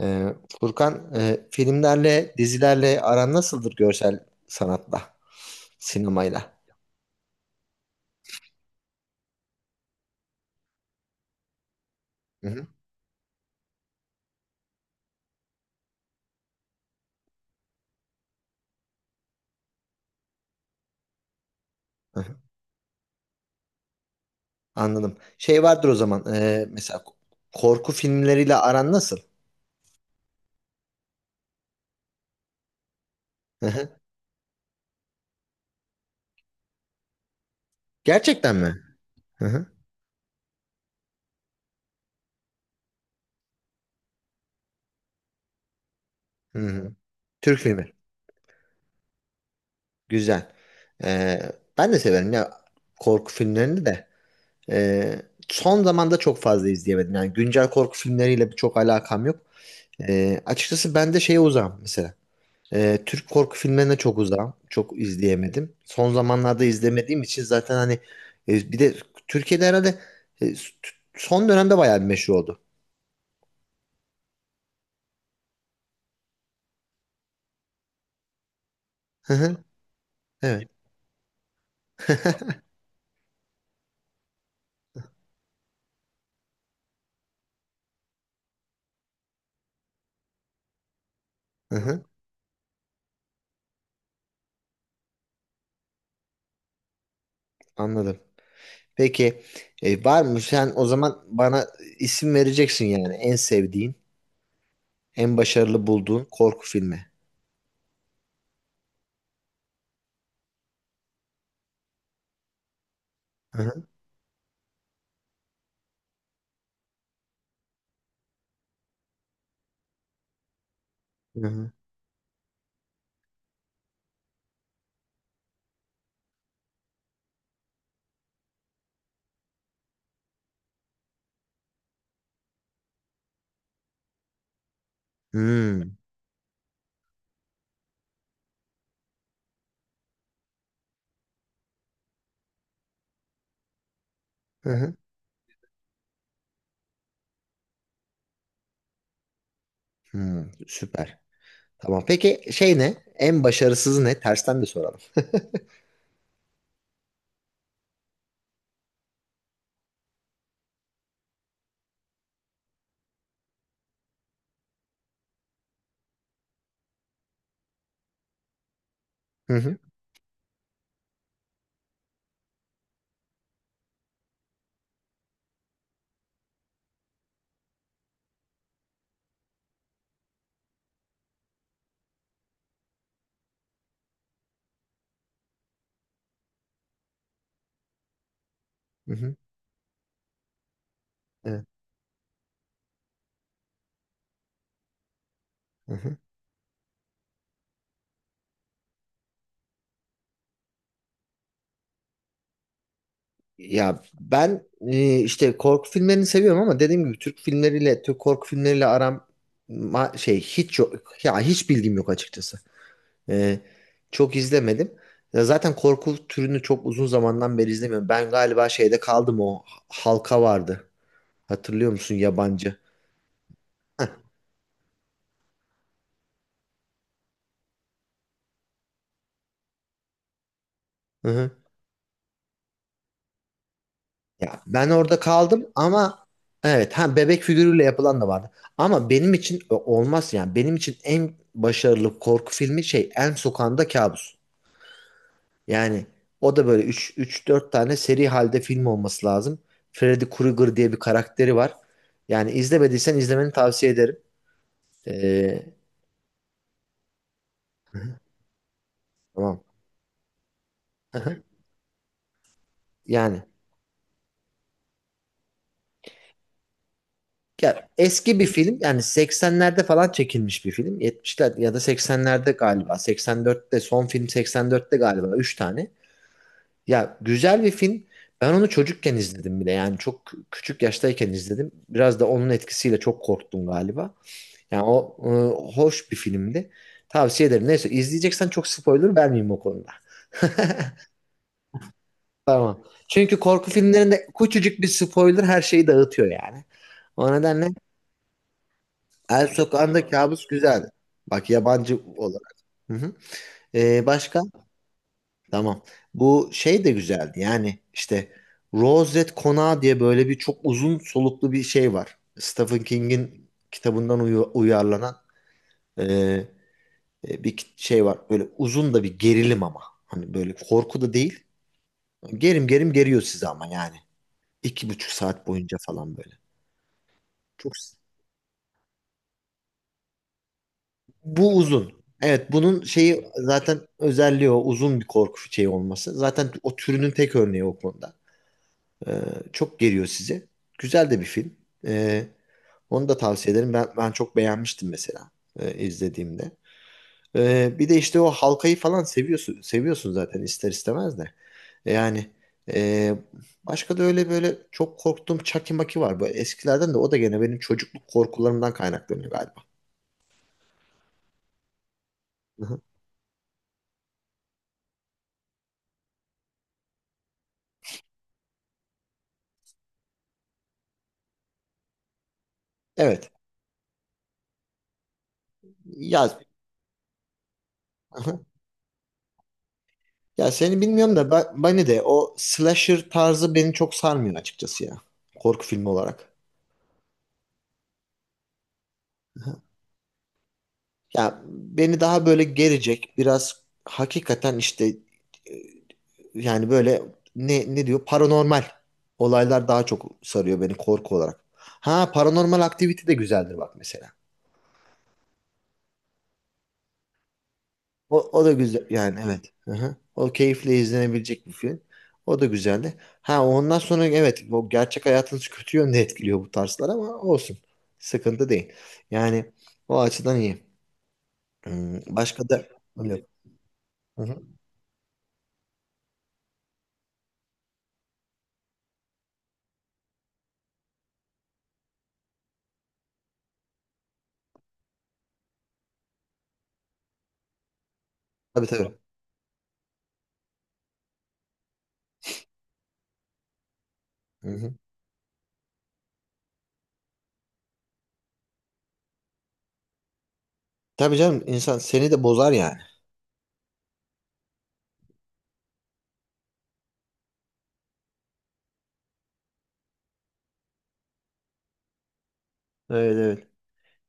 Ee, Furkan, filmlerle, dizilerle aran nasıldır görsel sanatla, sinemayla? Hı hı. Hı hı. Anladım. Şey vardır o zaman, mesela korku filmleriyle aran nasıl? Hı hı. Gerçekten mi? Hı hı. Hı hı. Türk filmi. Güzel. Ee, ben de severim ya korku filmlerini de. Ee, son zamanda çok fazla izleyemedim. Yani güncel korku filmleriyle çok alakam yok. Açıkçası ben de şeye uzağım mesela. Türk korku filmlerine çok uzağım. Çok izleyemedim. Son zamanlarda izlemediğim için zaten hani bir de Türkiye'de herhalde e, s- t- son dönemde bayağı bir meşhur oldu. Hı hı, evet. Hı hı, anladım. Peki var mı sen o zaman bana isim vereceksin yani en sevdiğin, en başarılı bulduğun korku filmi. Hı hı, hı hı. Hmm, hı hı, hmm, süper. Tamam. Peki şey ne? En başarısızı ne? Tersten de soralım. Hı hı, hı hı, evet. Hı hı. Ya ben işte korku filmlerini seviyorum ama dediğim gibi Türk filmleriyle Türk korku filmleriyle aram şey hiç yok ya hiç bilgim yok açıkçası. E, çok izlemedim. Ya zaten korku türünü çok uzun zamandan beri izlemiyorum. Ben galiba şeyde kaldım o halka vardı. Hatırlıyor musun yabancı? Hı hı. Ya ben orada kaldım ama evet ha bebek figürüyle yapılan da vardı. Ama benim için olmaz yani benim için en başarılı korku filmi şey En Sokağında Kabus. Yani o da böyle 3 4 tane seri halde film olması lazım. Freddy Krueger diye bir karakteri var. Yani izlemediysen izlemeni tavsiye ederim. Ee, tamam. Hı hı. Yani ya eski bir film yani 80'lerde falan çekilmiş bir film. 70'ler ya da 80'lerde galiba. 84'te son film 84'te galiba 3 tane. Ya güzel bir film. Ben onu çocukken izledim bile. Yani çok küçük yaştayken izledim. Biraz da onun etkisiyle çok korktum galiba. Yani o hoş bir filmdi. Tavsiye ederim. Neyse izleyeceksen çok spoiler vermeyeyim o konuda. Tamam. Çünkü korku filmlerinde küçücük bir spoiler her şeyi dağıtıyor yani. O nedenle El Sokağında Kabus güzeldi. Bak yabancı olarak. Hı hı. Başka? Tamam. Bu şey de güzeldi. Yani işte Rose Red Konağı diye böyle bir çok uzun soluklu bir şey var. Stephen King'in kitabından uyarlanan. Ee, bir şey var böyle uzun da bir gerilim ama. Hani böyle korku da değil. Gerim gerim geriyor sizi ama yani. İki buçuk saat boyunca falan böyle. Çok bu uzun. Evet bunun şeyi zaten özelliği o uzun bir korku şeyi olması. Zaten o türünün tek örneği o konuda. E, çok geriyor sizi. Güzel de bir film. E, onu da tavsiye ederim. Ben çok beğenmiştim mesela izlediğimde. Bir de işte o halkayı falan seviyorsun zaten ister istemez de. Yani e, başka da öyle böyle çok korktuğum Chucky Maki var. Bu eskilerden de o da gene benim çocukluk korkularımdan kaynaklanıyor galiba. Hı-hı. Evet. Ya, hı Ya seni bilmiyorum da beni de o slasher tarzı beni çok sarmıyor açıkçası ya. Korku filmi olarak. Hı-hı. Ya beni daha böyle gelecek biraz hakikaten işte e, yani böyle ne diyor paranormal olaylar daha çok sarıyor beni korku olarak. Ha paranormal aktivite de güzeldir bak mesela. O da güzel yani evet. Hı-hı. O keyifle izlenebilecek bir film. O da güzeldi. Ha ondan sonra evet bu gerçek hayatınız kötü yönde etkiliyor bu tarzlar ama olsun. Sıkıntı değil. Yani o açıdan iyi. Hmm, Başka da yok. Hı-hı. Tabii tabii. Hı-hı. Tabii canım insan seni de bozar yani. Evet evet.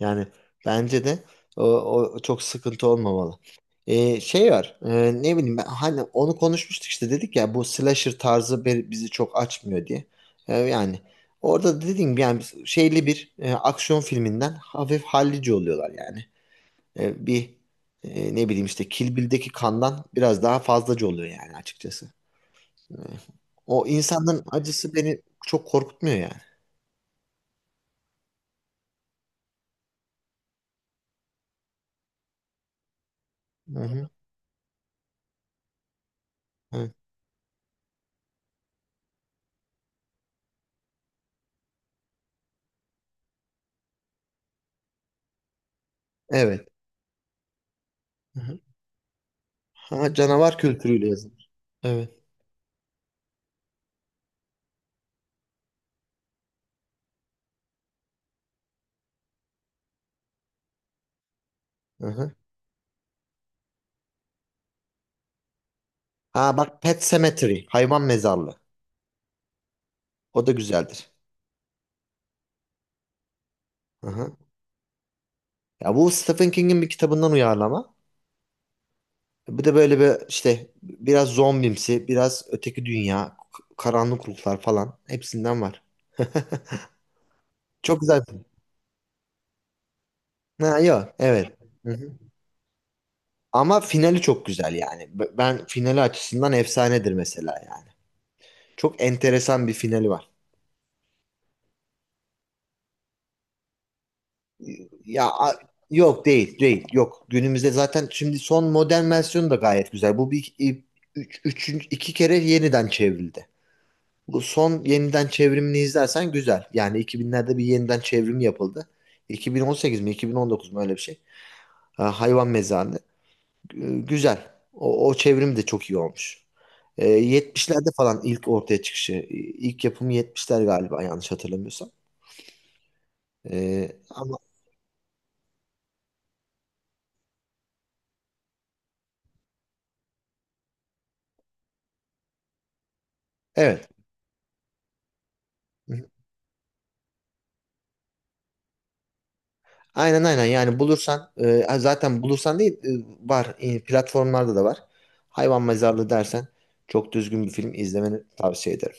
Yani bence de o çok sıkıntı olmamalı. Şey var ne bileyim ben, hani onu konuşmuştuk işte dedik ya bu slasher tarzı bizi çok açmıyor diye. Yani orada dediğim gibi yani şeyli bir aksiyon filminden hafif hallici oluyorlar yani. Bir ne bileyim işte Kill Bill'deki kandan biraz daha fazlaca oluyor yani açıkçası. Ee, o insanların acısı beni çok korkutmuyor yani. Hı hı. Evet. Evet. Hı hı. Ha, canavar kültürüyle yazılmış. Evet. Hı hı. Ha bak Pet Sematary. Hayvan mezarlığı. O da güzeldir. Hı hı. Ya bu Stephen King'in bir kitabından uyarlama. Bu da böyle bir işte biraz zombimsi, biraz öteki dünya, karanlık ruhlar falan hepsinden var. Çok güzel. Film. Ha yok evet. Hı hı. Ama finali çok güzel yani. Ben finali açısından efsanedir mesela yani. Çok enteresan bir finali var. Ya a- yok değil yok günümüzde zaten şimdi son modern versiyonu da gayet güzel. Bu bir üçüncü- iki kere yeniden çevrildi. Bu son yeniden çevrimini izlersen güzel. Yani 2000'lerde bir yeniden çevrim yapıldı. 2018 mi 2019 mu öyle bir şey. Ha, hayvan mezarlığı Güzel. O çevrim de çok iyi olmuş. 70'lerde falan ilk ortaya çıkışı. İlk yapımı 70'ler galiba yanlış hatırlamıyorsam. Ama evet. Aynen aynen yani bulursan zaten bulursan değil var platformlarda da var. Hayvan Mezarlığı dersen çok düzgün bir film izlemeni tavsiye ederim.